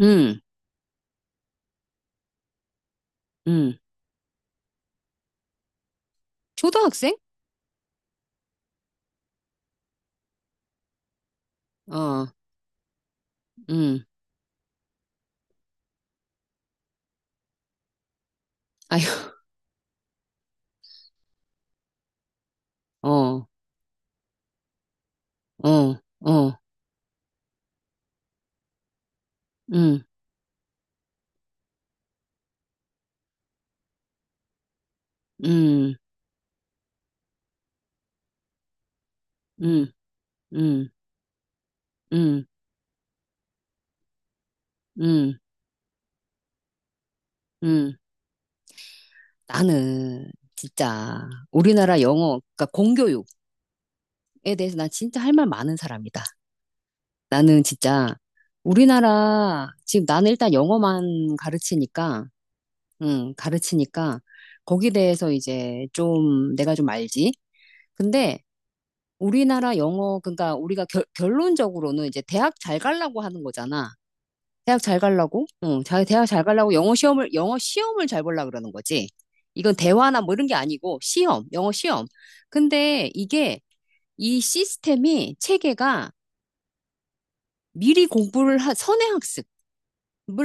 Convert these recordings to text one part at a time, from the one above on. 음, 음. 초등학생? 어, 음. 아유, 어, 어, 어, 음, 음, 음, 음, 음, 음, 음. 나는 진짜 우리나라 영어, 그러니까 공교육에 대해서 난 진짜 할 말 많은 사람이다. 나는 진짜 우리나라, 지금 나는 일단 영어만 가르치니까, 가르치니까 거기에 대해서 이제 좀 내가 좀 알지. 근데 우리나라 영어, 그러니까 우리가 결론적으로는 이제 대학 잘 가려고 하는 거잖아. 대학 잘 가려고, 응, 자, 대학 잘 가려고 영어 시험을 잘 보려고 그러는 거지. 이건 대화나 뭐 이런 게 아니고 시험, 영어 시험. 근데 이게 이 시스템이 체계가 미리 선행학습을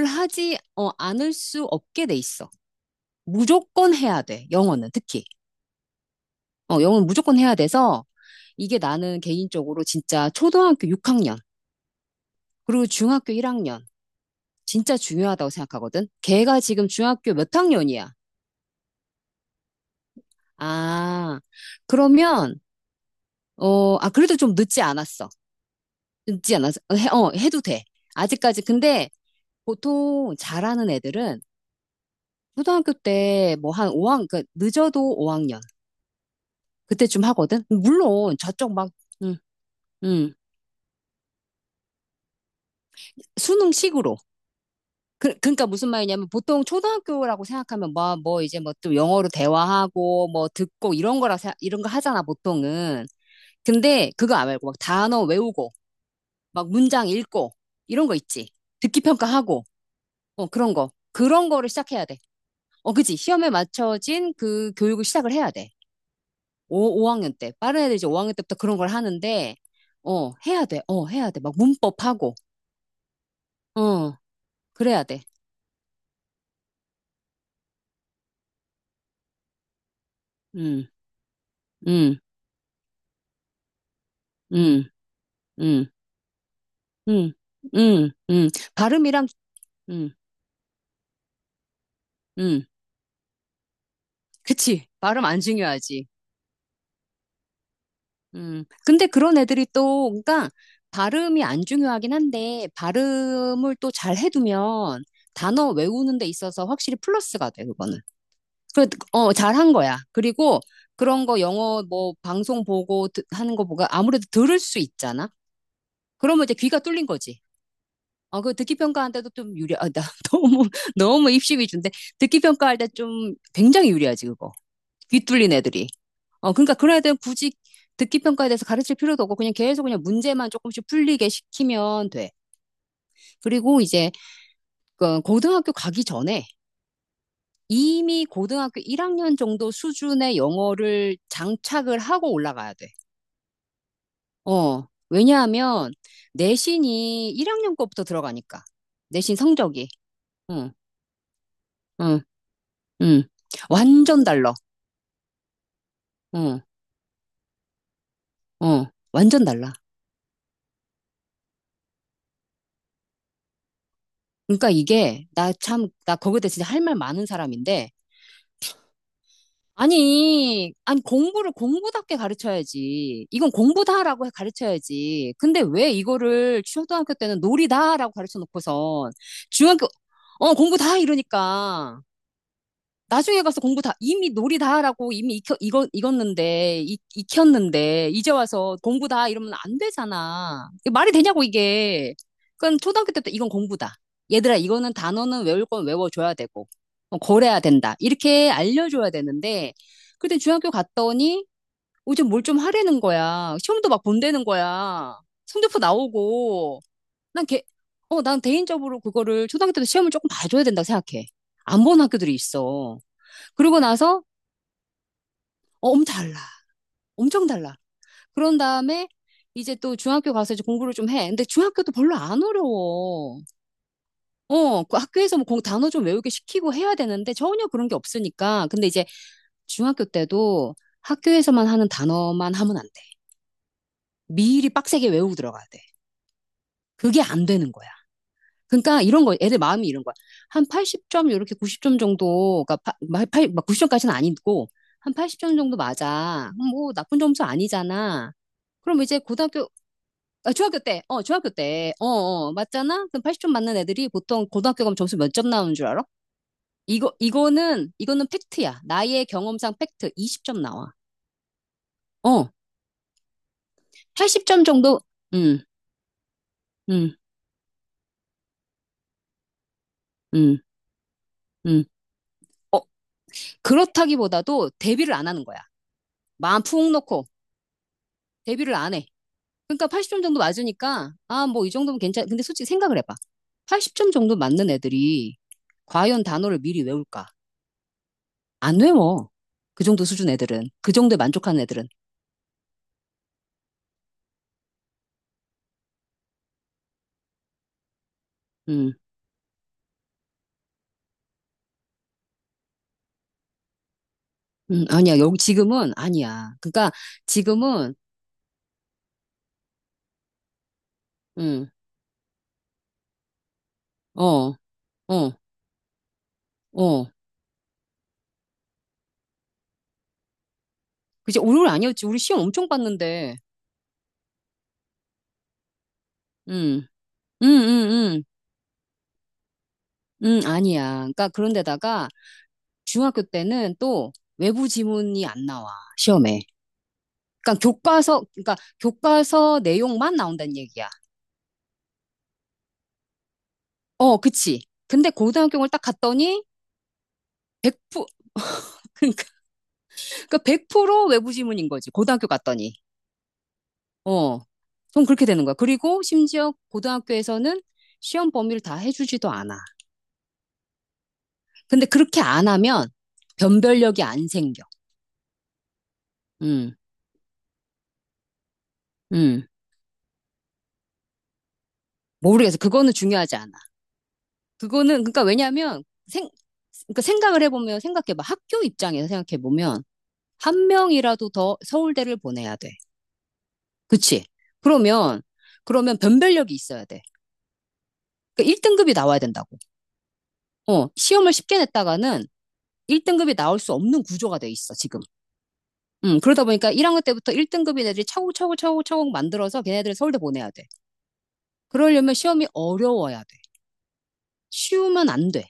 하지 않을 수 없게 돼 있어. 무조건 해야 돼. 영어는 특히. 영어는 무조건 해야 돼서 이게 나는 개인적으로 진짜 초등학교 6학년, 그리고 중학교 1학년, 진짜 중요하다고 생각하거든. 걔가 지금 중학교 몇 학년이야? 아, 그러면, 아, 그래도 좀 늦지 않았어. 늦지 않았어. 해도 돼. 아직까지. 근데 보통 잘하는 애들은 초등학교 때 뭐 한 오학 그 늦어도 5학년. 그때쯤 하거든. 물론 저쪽 막, 음, 음, 수능식으로. 그러니까 무슨 말이냐면 보통 초등학교라고 생각하면 뭐 이제 뭐 좀 영어로 대화하고 뭐 듣고 이런 거 하잖아, 보통은. 근데 그거 안 말고 막 단어 외우고 막 문장 읽고 이런 거 있지. 듣기 평가하고 어 그런 거. 그런 거를 시작해야 돼. 어 그지. 시험에 맞춰진 그 교육을 시작을 해야 돼. 오 5학년 때. 빠른 애들 이제 5학년 때부터 그런 걸 하는데 어 해야 돼. 어 해야 돼. 막 문법하고 어 그래야 돼. 음. 음. 음. 음. 음. 음. 음. 발음이랑 음. 음. 그치. 발음 안 중요하지. 근데 그런 애들이 또, 그러니까 발음이 안 중요하긴 한데, 발음을 또 잘 해두면 단어 외우는 데 있어서 확실히 플러스가 돼, 그거는. 그, 잘한 거야. 그리고 그런 거 영어 뭐 하는 거 보고 아무래도 들을 수 있잖아? 그러면 이제 귀가 뚫린 거지. 그 듣기 평가한때도 나 너무, 너무 입시 위주인데, 듣기 평가할 때 좀 굉장히 유리하지, 그거. 귀 뚫린 애들이. 그러니까 그런 애들은 굳이 듣기 평가에 대해서 가르칠 필요도 없고 그냥 계속 그냥 문제만 조금씩 풀리게 시키면 돼. 그리고 이제 그 고등학교 가기 전에 이미 고등학교 1학년 정도 수준의 영어를 장착을 하고 올라가야 돼. 왜냐하면 내신이 1학년 거부터 들어가니까. 내신 성적이. 응, 응, 응. 완전 달라. 응, 응. 완전 달라. 그러니까 이게 나 참, 나 거기에 대해 진짜 할 말 많은 사람인데 아니, 공부를 공부답게 가르쳐야지. 이건 공부다라고 가르쳐야지. 근데 왜 이거를 초등학교 때는 놀이다라고 가르쳐 놓고선 중학교, 공부다 이러니까. 나중에 가서 공부 다, 이미 놀이 다 하라고 이미 익었는데, 익혔는데, 이제 와서 공부 다 이러면 안 되잖아. 이게 말이 되냐고, 이게. 그러니까 초등학교 때부터 이건 공부다. 얘들아, 이거는 단어는 외울 건 외워줘야 되고, 어, 거래야 된다. 이렇게 알려줘야 되는데, 그때 중학교 갔더니, 좀뭘 좀 하라는 거야. 시험도 막 본다는 거야. 성적표 나오고, 난 개, 난 개인적으로 그거를 초등학교 때도 시험을 조금 봐줘야 된다고 생각해. 안 본 학교들이 있어. 그러고 나서 어, 엄 달라. 엄청 달라. 그런 다음에 이제 또 중학교 가서 이제 공부를 좀 해. 근데 중학교도 별로 안 어려워. 어, 그 학교에서 뭐 단어 좀 외우게 시키고 해야 되는데 전혀 그런 게 없으니까. 근데 이제 중학교 때도 학교에서만 하는 단어만 하면 안 돼. 미리 빡세게 외우고 들어가야 돼. 그게 안 되는 거야. 그러니까 이런 거 애들 마음이 이런 거야. 한 80점 이렇게 90점 정도 그러니까 90점까지는 아니고 한 80점 정도 맞아. 그럼 뭐 나쁜 점수 아니잖아. 그럼 이제 고등학교 중학교 때, 맞잖아? 그럼 80점 맞는 애들이 보통 고등학교 가면 점수 몇 점 나오는 줄 알아? 이거는 팩트야. 나의 경험상 팩트 20점 나와. 어, 80점 정도, 음, 음, 음, 음. 어, 그렇다기보다도 대비를 안 하는 거야. 마음 푹 놓고 대비를 안 해. 그러니까 80점 정도 맞으니까, 아, 뭐 이 정도면 괜찮, 근데 솔직히 생각을 해봐. 80점 정도 맞는 애들이 과연 단어를 미리 외울까? 안 외워. 그 정도 수준 애들은. 그 정도에 만족하는 애들은. 음, 아니야. 여기 지금은 아니야. 그러니까 지금은, 음, 어, 어, 어. 그치, 오류는 아니었지. 우리 시험 엄청 봤는데. 음, 음, 음, 아니야. 그러니까 그런데다가 중학교 때는 또 외부 지문이 안 나와. 시험에. 그러니까 교과서, 그러니까 교과서 내용만 나온다는 얘기야. 어, 그치. 근데 고등학교를 딱 갔더니 100%, 그러니까, 그러니까 100% 외부 지문인 거지. 고등학교 갔더니. 어. 좀 그렇게 되는 거야. 그리고 심지어 고등학교에서는 시험 범위를 다 해주지도 않아. 근데 그렇게 안 하면 변별력이 안 생겨. 음, 음. 모르겠어. 그거는 중요하지 않아. 그거는, 그러니까 그러니까 생각을 해보면, 생각해봐. 학교 입장에서 생각해보면, 한 명이라도 더 서울대를 보내야 돼. 그치? 그러면, 그러면 변별력이 있어야 돼. 그러니까 1등급이 나와야 된다고. 어, 시험을 쉽게 냈다가는 1등급이 나올 수 없는 구조가 돼 있어, 지금. 그러다 보니까 1학년 때부터 1등급인 애들이 차곡차곡 차곡차곡 만들어서 걔네들을 서울대 보내야 돼. 그러려면 시험이 어려워야 돼. 쉬우면 안 돼.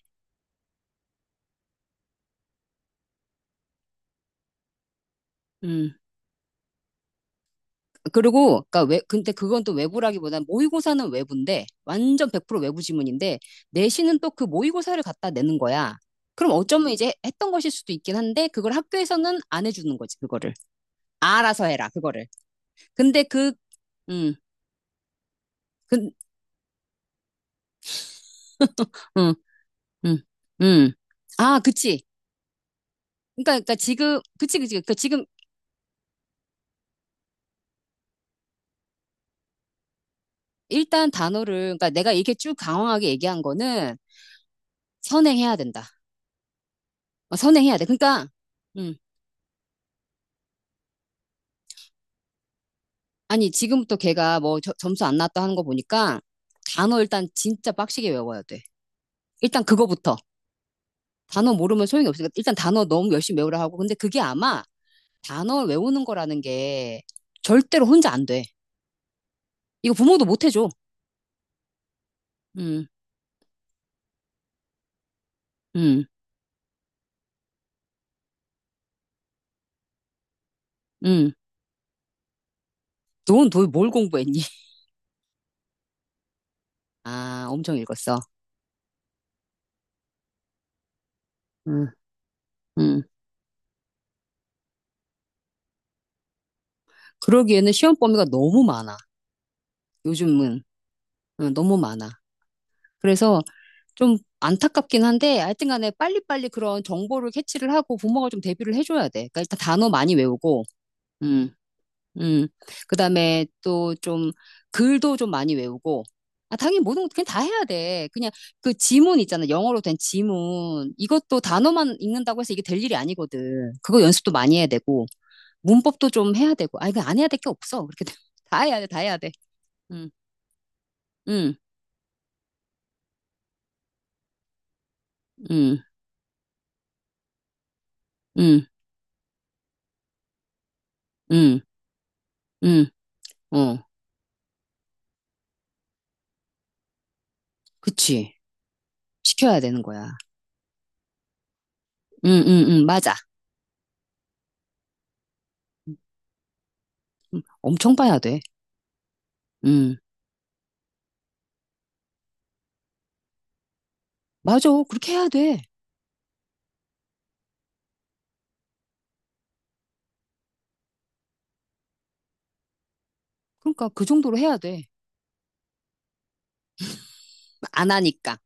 음. 그리고 그러니까 외 근데 그건 또 외부라기보다는 모의고사는 외부인데 완전 100% 외부 지문인데 내신은 또 그 모의고사를 갖다 내는 거야. 그럼 어쩌면 이제 했던 것일 수도 있긴 한데 그걸 학교에서는 안 해주는 거지 그거를 알아서 해라 그거를. 근데 그 음, 그, 음, 음, 음. 아, 그치. 그러니까 지금, 그치. 그러니까 지금 일단 단어를, 그러니까 내가 이렇게 쭉 강황하게 얘기한 거는 선행해야 된다. 어, 선행해야 돼. 그러니까, 음, 아니, 지금부터 걔가 점수 안 나왔다 하는 거 보니까 단어 일단 진짜 빡시게 외워야 돼. 일단 그거부터. 단어 모르면 소용이 없으니까 일단 단어 너무 열심히 외우라 하고. 근데 그게 아마 단어 외우는 거라는 게 절대로 혼자 안 돼. 이거 부모도 못 해줘. 음, 음, 음. 넌 도대체 뭘 공부했니? 아, 엄청 읽었어. 음, 음. 그러기에는 시험 범위가 너무 많아. 요즘은. 응, 너무 많아. 그래서 좀 안타깝긴 한데 하여튼 간에 빨리빨리 그런 정보를 캐치를 하고 부모가 좀 대비를 해줘야 돼. 그러니까 일단 단어 많이 외우고, 음, 음. 그다음에 또 좀 글도 좀 많이 외우고. 아, 당연히 모든 것도 그냥 다 해야 돼. 그냥 그 지문 있잖아. 영어로 된 지문. 이것도 단어만 읽는다고 해서 이게 될 일이 아니거든. 그거 연습도 많이 해야 되고, 문법도 좀 해야 되고. 아니, 그안 해야 될 게 없어. 그렇게 되면 다 해야 돼, 다 해야 돼. 음, 음, 음, 음, 음, 음, 어, 그치. 시켜야 되는 거야. 응, 맞아. 엄청 봐야 돼. 응, 맞아. 그렇게 해야 돼. 그러니까 그 정도로 해야 돼. 안 하니까.